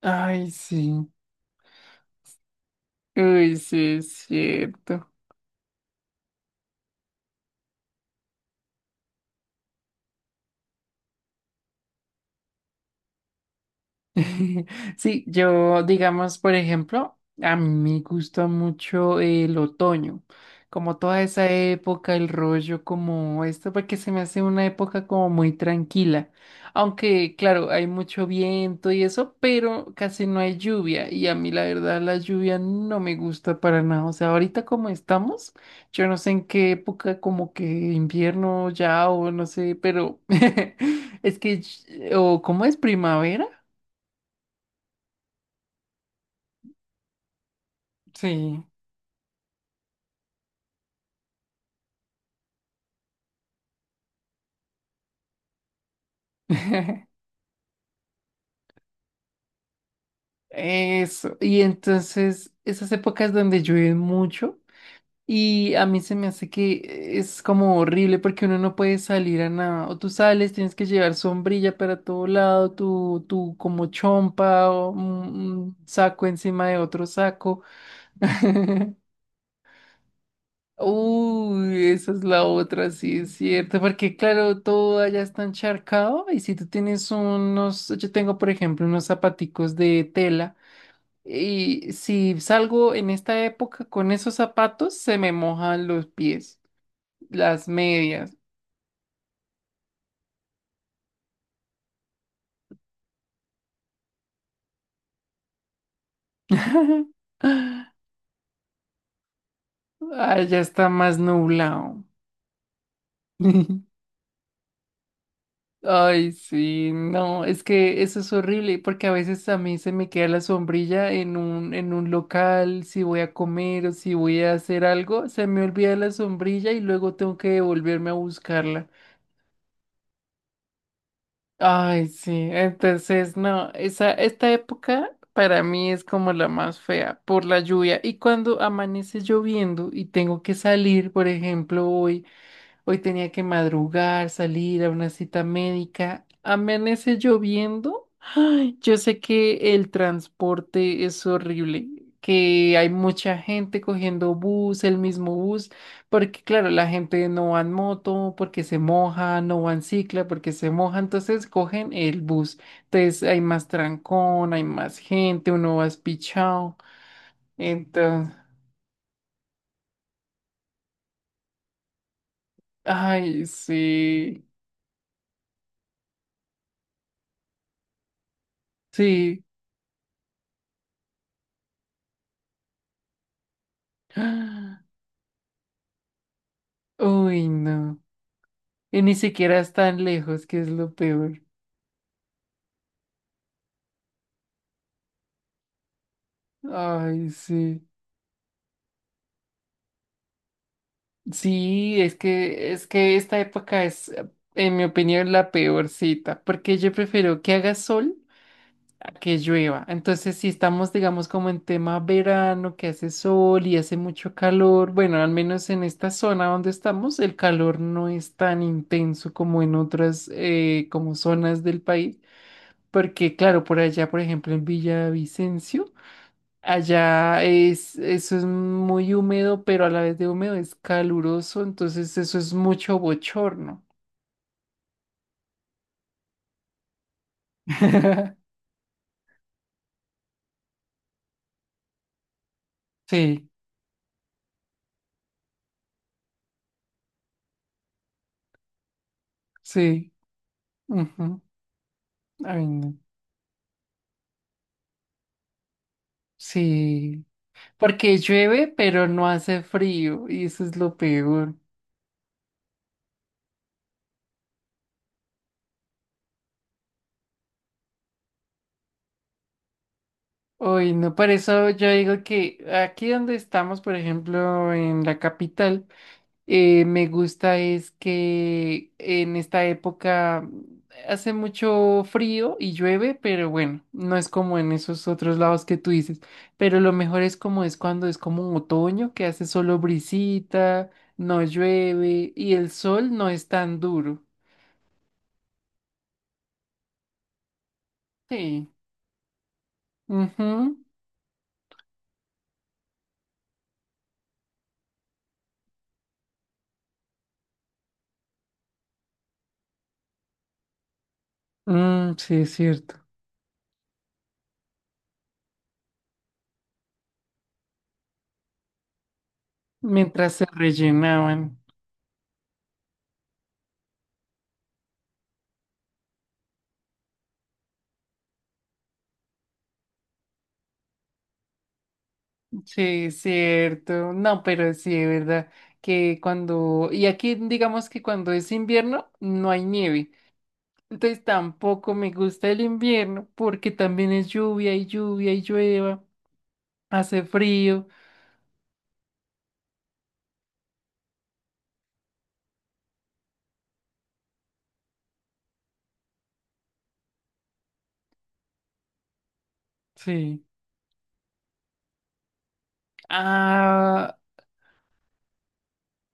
Ay, sí. Uy, sí, es cierto. Sí, yo, digamos, por ejemplo, a mí me gusta mucho el otoño, como toda esa época, el rollo como esto, porque se me hace una época como muy tranquila. Aunque, claro, hay mucho viento y eso, pero casi no hay lluvia. Y a mí, la verdad, la lluvia no me gusta para nada. O sea, ahorita como estamos, yo no sé en qué época, como que invierno ya o no sé, pero es que, o ¿cómo es primavera? Sí, eso. Y entonces esas épocas donde llueve mucho y a mí se me hace que es como horrible porque uno no puede salir a nada. O tú sales, tienes que llevar sombrilla para todo lado, tu como chompa o un saco encima de otro saco. Uy, esa es la otra, sí, es cierto, porque claro, todo allá está encharcado y si tú tienes unos, yo tengo por ejemplo unos zapaticos de tela. Y si salgo en esta época con esos zapatos, se me mojan los pies, las medias. Ah, ya está más nublado. Ay, sí, no, es que eso es horrible, porque a veces a mí se me queda la sombrilla en un local, si voy a comer o si voy a hacer algo, se me olvida la sombrilla y luego tengo que devolverme a buscarla. Ay, sí, entonces no, esta época para mí es como la más fea por la lluvia. Y cuando amanece lloviendo y tengo que salir, por ejemplo, hoy. Hoy tenía que madrugar, salir a una cita médica. Amanece lloviendo. Ay, yo sé que el transporte es horrible, que hay mucha gente cogiendo bus, el mismo bus, porque claro, la gente no va en moto porque se moja, no va en cicla porque se moja, entonces cogen el bus. Entonces hay más trancón, hay más gente, uno va espichado. Entonces, ay, sí, sí. Uy, no. Y ni siquiera es tan lejos, que es lo peor. Ay, sí. Sí, es que esta época es, en mi opinión, la peor cita, porque yo prefiero que haga sol a que llueva. Entonces, si estamos, digamos, como en tema verano, que hace sol y hace mucho calor, bueno, al menos en esta zona donde estamos, el calor no es tan intenso como en otras, como zonas del país, porque claro, por allá, por ejemplo, en Villavicencio. Eso es muy húmedo, pero a la vez de húmedo es caluroso, entonces eso es mucho bochorno. Sí, sí. Ujú. Ay, no. Sí. Porque llueve, pero no hace frío, y eso es lo peor. Uy, no, por eso yo digo que aquí donde estamos, por ejemplo, en la capital, me gusta es que en esta época hace mucho frío y llueve, pero bueno, no es como en esos otros lados que tú dices. Pero lo mejor es como es cuando es como un otoño, que hace solo brisita, no llueve y el sol no es tan duro. Sí. Ujú. Mm, sí, es cierto. Mientras se rellenaban. Sí, es cierto. No, pero sí, es verdad que cuando, y aquí digamos que cuando es invierno no hay nieve. Entonces tampoco me gusta el invierno porque también es lluvia y lluvia y llueva, hace frío. Sí. Ah,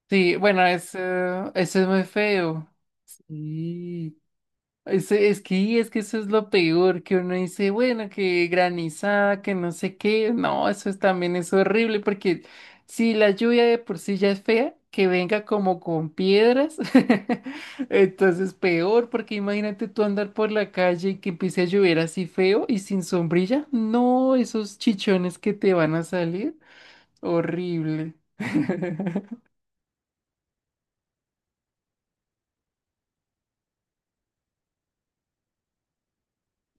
sí, bueno, eso es muy feo. Sí. Es, es que eso es lo peor, que uno dice, bueno, que granizada, que no sé qué. No, eso es, también es horrible, porque si la lluvia de por sí ya es fea, que venga como con piedras, entonces peor, porque imagínate tú andar por la calle y que empiece a llover así feo y sin sombrilla. No, esos chichones que te van a salir, horrible.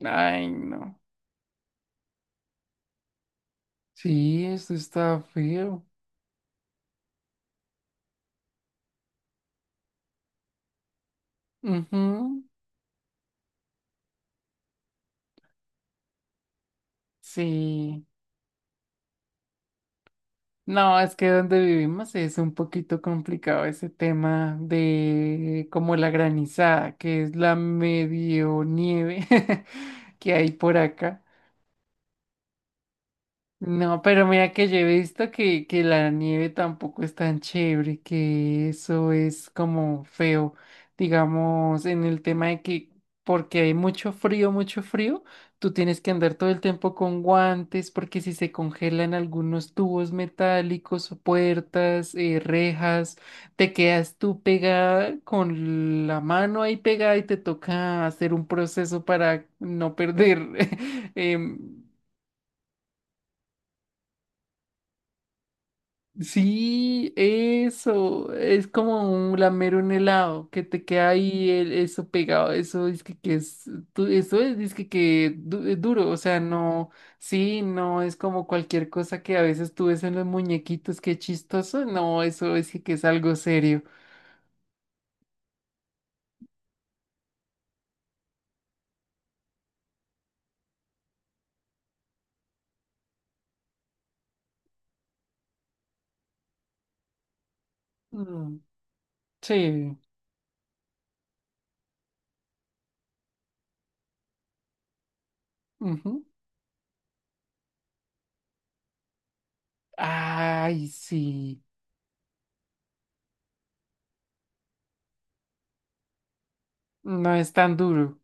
Ay, no. Sí, eso está feo. Ujú. Sí. No, es que donde vivimos es un poquito complicado ese tema de como la granizada, que es la medio nieve que hay por acá. No, pero mira que yo he visto que, la nieve tampoco es tan chévere, que eso es como feo, digamos, en el tema de que porque hay mucho frío, tú tienes que andar todo el tiempo con guantes, porque si se congelan algunos tubos metálicos, o puertas, rejas, te quedas tú pegada con la mano ahí pegada y te toca hacer un proceso para no perder. em, Sí, eso, es como un lamer un helado, que te queda ahí eso pegado, eso es que, es, eso es dizque que es duro, o sea, no, sí, no es como cualquier cosa que a veces tú ves en los muñequitos, qué chistoso, no, eso es que es algo serio. Mm, sí, ujú. Ay, sí, no es tan duro.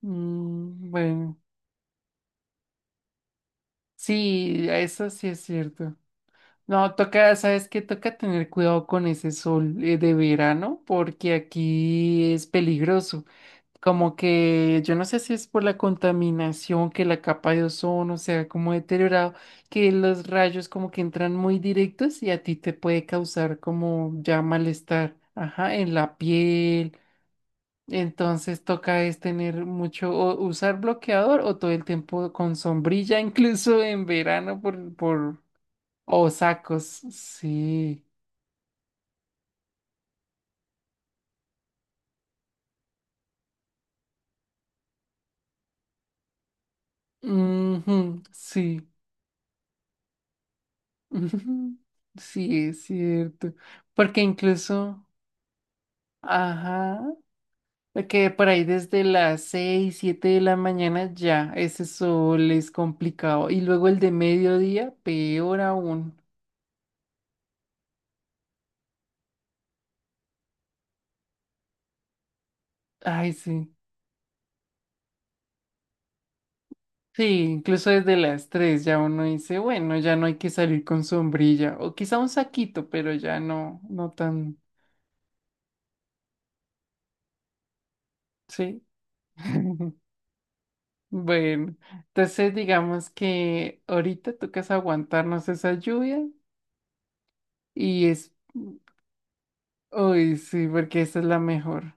Mm, bueno, sí, eso sí es cierto. No, toca, ¿sabes qué? Toca tener cuidado con ese sol de verano porque aquí es peligroso. Como que yo no sé si es por la contaminación, que la capa de ozono se ha como deteriorado, que los rayos como que entran muy directos y a ti te puede causar como ya malestar, ajá, en la piel. Entonces toca es tener mucho, o usar bloqueador o todo el tiempo con sombrilla, incluso en verano por, o sacos, sí. Ujú, sí. Ujú. Sí, es cierto. Porque incluso, ajá, que por ahí desde las 6 7 de la mañana ya ese sol es complicado. Y luego el de mediodía, peor aún. Ay, sí. Sí, incluso desde las tres ya uno dice, bueno, ya no hay que salir con sombrilla. O quizá un saquito, pero ya no, no tan, sí. Bueno, entonces digamos que ahorita tocas aguantarnos esa lluvia y es, uy, sí, porque esa es la mejor.